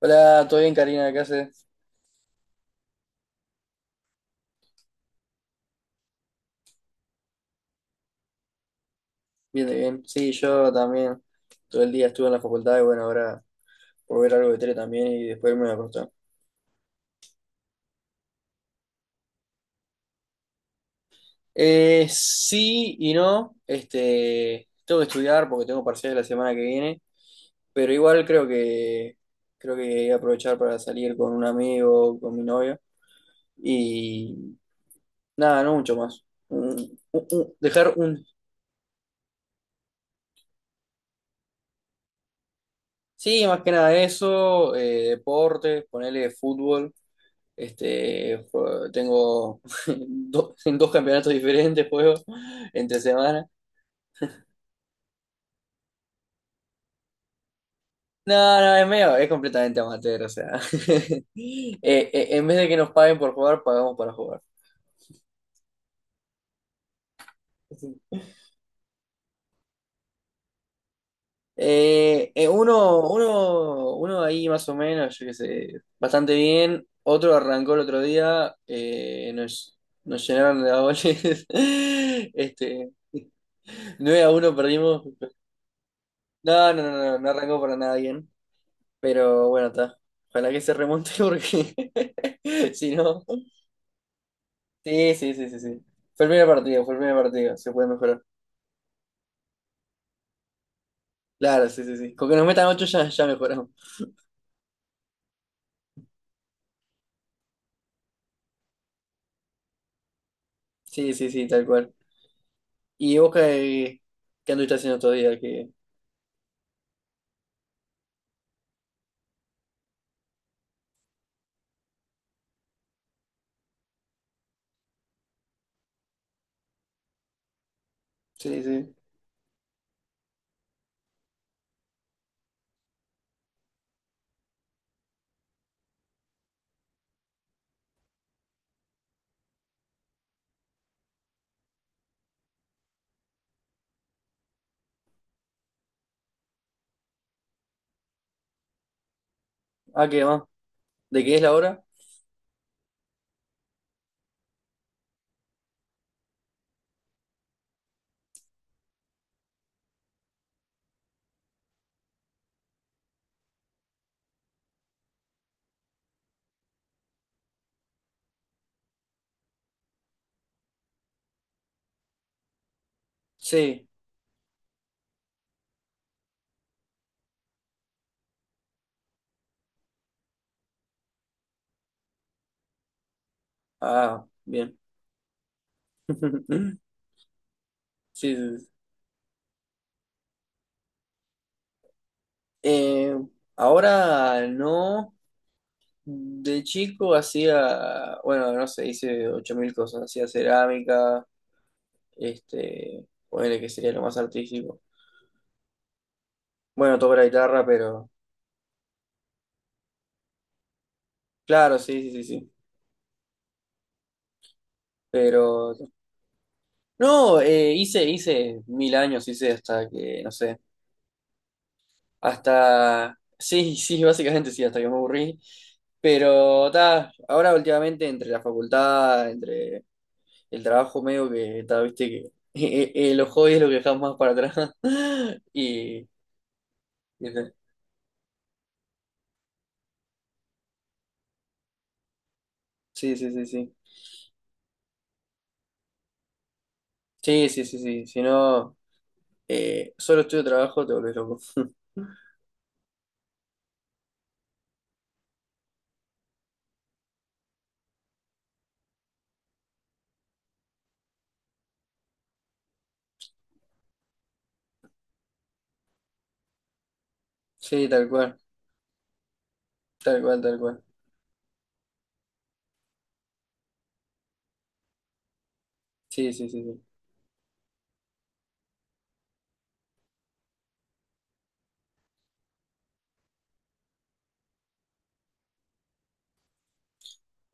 Hola, ¿todo bien, Karina? ¿Qué haces? Bien, bien. Sí, yo también. Todo el día estuve en la facultad y bueno, ahora por ver algo de tele también y después me voy a acostar. Sí y no. Este, tengo que estudiar porque tengo parciales la semana que viene, pero igual creo que voy a aprovechar para salir con un amigo, con mi novia y nada, no mucho más. Dejar un... Sí, más que nada eso, deportes, ponerle fútbol. Este, tengo en dos campeonatos diferentes juego entre semana. No, no, es medio, es completamente amateur, o sea. En vez de que nos paguen por jugar, pagamos para jugar. Uno ahí más o menos, yo qué sé, bastante bien. Otro arrancó el otro día, nos llenaron de goles. Este, 9 a uno perdimos. No, no, no, no, no arrancó para nada bien. Pero bueno, está. Ojalá que se remonte porque si no. Sí, sí, sí, sí, sí. Fue el primer partido, fue el primer partido. Se puede mejorar. Claro, sí, sí, sí. Con que nos metan ocho ya, ya mejoramos. Sí, sí, sí, tal cual. ¿Y vos qué anduviste haciendo todavía? Que... Sí, sí. Ah, ¿qué va? ¿De qué es la hora? Sí. Ah, bien. Sí, sí, sí. Eh, ahora no. De chico hacía, bueno, no sé, hice 8000 cosas. Hacía cerámica. Este, ponele que sería lo más artístico. Bueno, toco la guitarra, pero. Claro, sí, sí, sí, sí. Pero. No, hice mil años, hice hasta que, no sé. Hasta. Sí, sí, básicamente sí, hasta que me aburrí. Pero ta, ahora últimamente entre la facultad, entre el trabajo medio que ta, viste que los hobbies es lo que dejamos más para atrás. Y, y ta, sí, sí, sí, sí. Sí, sí, sí, sí. Si no, solo estudio trabajo, te volvés loco. Sí, tal cual, tal cual, tal cual. Sí, sí, sí, sí.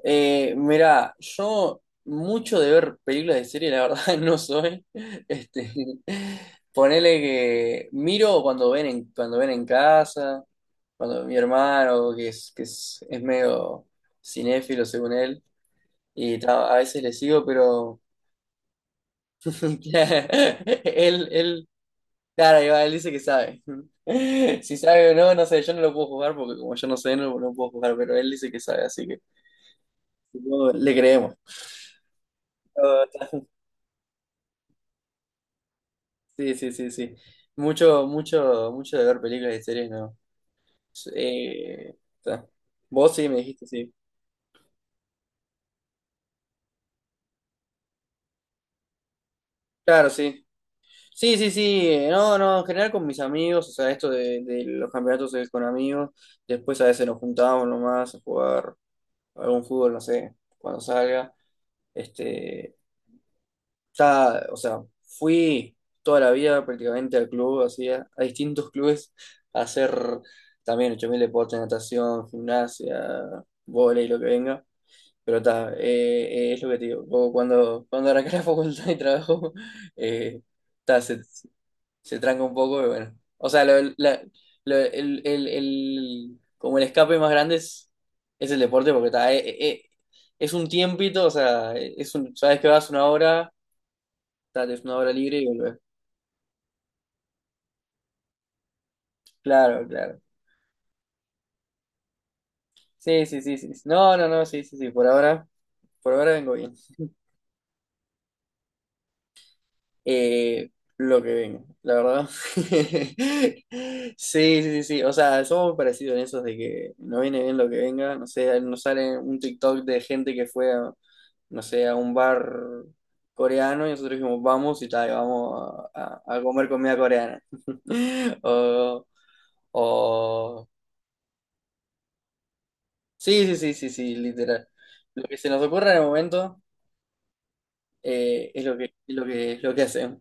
Mira, yo mucho de ver películas de serie, la verdad, no soy. Este, ponele que miro cuando ven en casa, cuando mi hermano, es medio cinéfilo según él, y ta, a veces le sigo, pero él, él, claro, ahí va, él dice que sabe. Si sabe o no, no sé, yo no lo puedo jugar porque como yo no sé, no, no puedo jugar, pero él dice que sabe, así que. No, le creemos. No, está- Sí, sí, sí, sí. Mucho, mucho, mucho de ver películas y series, no. Está. Vos sí me dijiste, sí. Claro, sí. Sí, sí, sí. No, no, en general con mis amigos, o sea, esto de los campeonatos es con amigos. Después a veces nos juntábamos nomás a jugar algún fútbol, no sé, cuando salga. Este, ya, o sea, fui toda la vida prácticamente al club, así, a distintos clubes, a hacer también 8.000 deportes, natación, gimnasia, vóley, lo que venga. Pero está, es lo que te digo, vos cuando arranqué la facultad y trabajo, eh, ta, se tranca un poco y bueno. O sea, el, como el escape más grande es el deporte porque está, es un tiempito, o sea, es un, sabes que vas una hora. Date una hora libre y volver. Claro, claro. Sí, sí, sí, sí. No, no, no, sí, sí, sí. Por ahora vengo bien. Eh, lo que vengo, la verdad. Sí, sí, sí, sí. O sea, somos muy parecidos en eso de que no viene bien lo que venga. No sé, nos sale un TikTok de gente que fue a, no sé, a un bar coreano y nosotros dijimos, vamos y tal, vamos a, a comer comida coreana. O, o sí, sí, sí, sí, sí, literal. Lo que se nos ocurra en el momento, es lo que, es lo que, es lo que hacemos.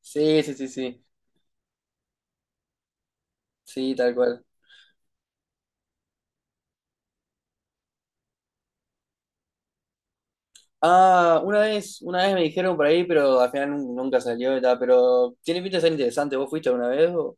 Sí, sí, sí, sí, sí, tal cual. Ah, una vez me dijeron por ahí, pero al final nunca salió y tal, pero tiene pinta de ser interesante. ¿Vos fuiste alguna vez? ¿O?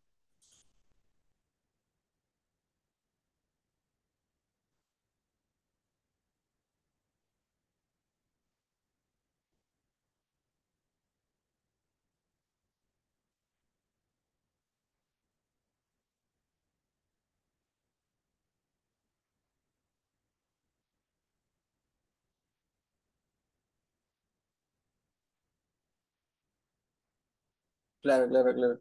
Claro, claro, claro.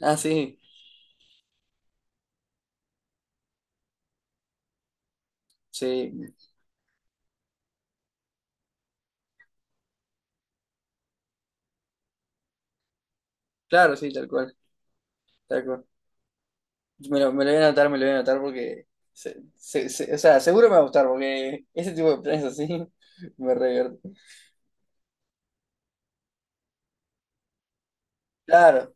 Ah, sí, sí, claro, sí, tal cual, tal cual. Me lo voy a anotar, me lo voy a anotar porque, o sea, seguro me va a gustar porque ese tipo de planes así me revierte. Claro,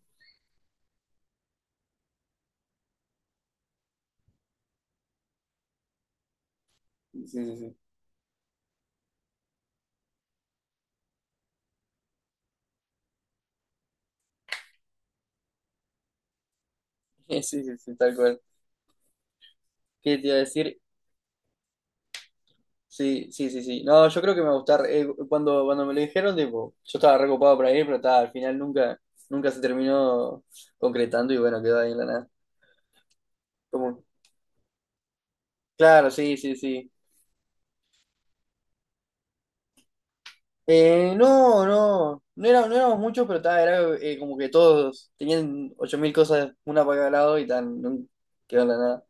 sí, sí, sí, sí, sí, sí, tal cual. ¿Qué te iba a decir? Sí, sí, sí, sí. No, yo creo que me va a gustar. Cuando, cuando me lo dijeron, tipo, yo estaba recopado para ir, pero ta, al final nunca, nunca se terminó concretando y bueno, quedó ahí en la nada. Como, claro, sí, sí, sí. No, no, no, era, no éramos muchos, pero ta, era como que todos tenían 8.000 cosas una para cada lado y tan, quedó en la nada.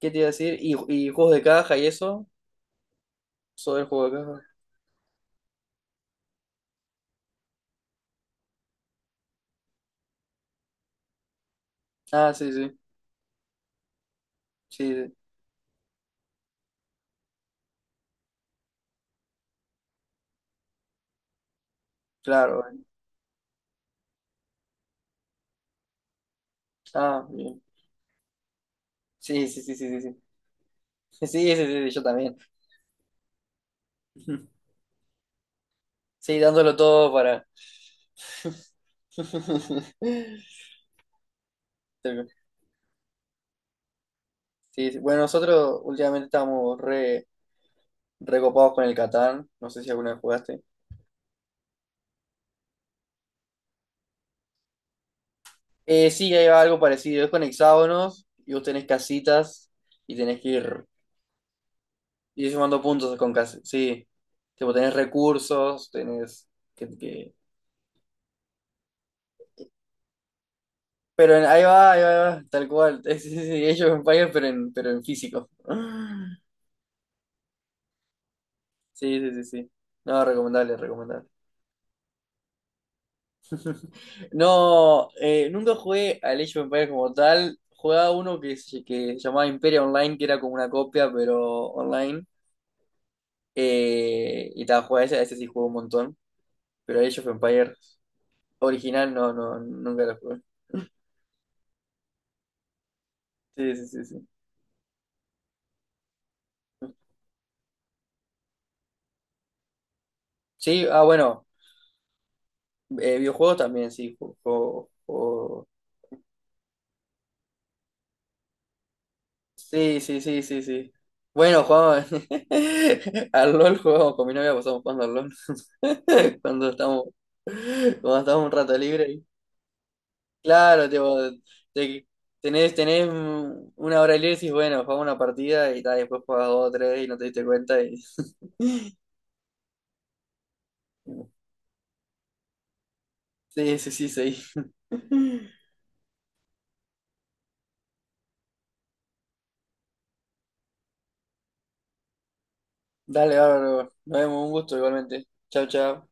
¿Qué te iba a decir? ¿Y juegos de caja y eso? ¿Sobre el juego de caja? Ah, sí, sí, sí, sí, claro, bueno. Ah, bien. Sí, sí, sí, sí, sí, sí. Sí, sí, sí, sí, yo también. Sí, dándolo todo para. Sí, sí. Bueno, nosotros últimamente estábamos recopados con el Catán. No sé si alguna vez jugaste. Sí, hay algo parecido. Es con hexágonos y vos tenés casitas y tenés que ir, sumando puntos con casitas. Sí, tipo, tenés recursos, tenés que... que- ahí va, ahí va, ahí va, tal cual. Sí, sí, sí, Age of Empires, pero en físico. Sí, sí, sí, sí. No, recomendable, recomendable. No, nunca jugué al Age of Empires como tal. Jugaba uno que se llamaba Imperia Online, que era como una copia, pero online. Y estaba jugando ese, ese sí jugué un montón. Pero Age of Empires original no, no, nunca lo jugué. Sí, sí, sí, sí. Sí, ah, bueno, videojuegos también, sí, Sí, sí, sí, sí, sí. Bueno, jugamos al LOL, jugamos con mi novia, pasamos jugando al LOL. Cuando estamos, cuando estamos un rato libre. Claro, tipo, te- tenés, una hora libre y decís, bueno, jugamos una partida y ta, después jugás dos o tres y no te diste cuenta y... Sí, sí, sí, sí. Dale, bárbaro. Nos vemos, un gusto igualmente. Chao, chao.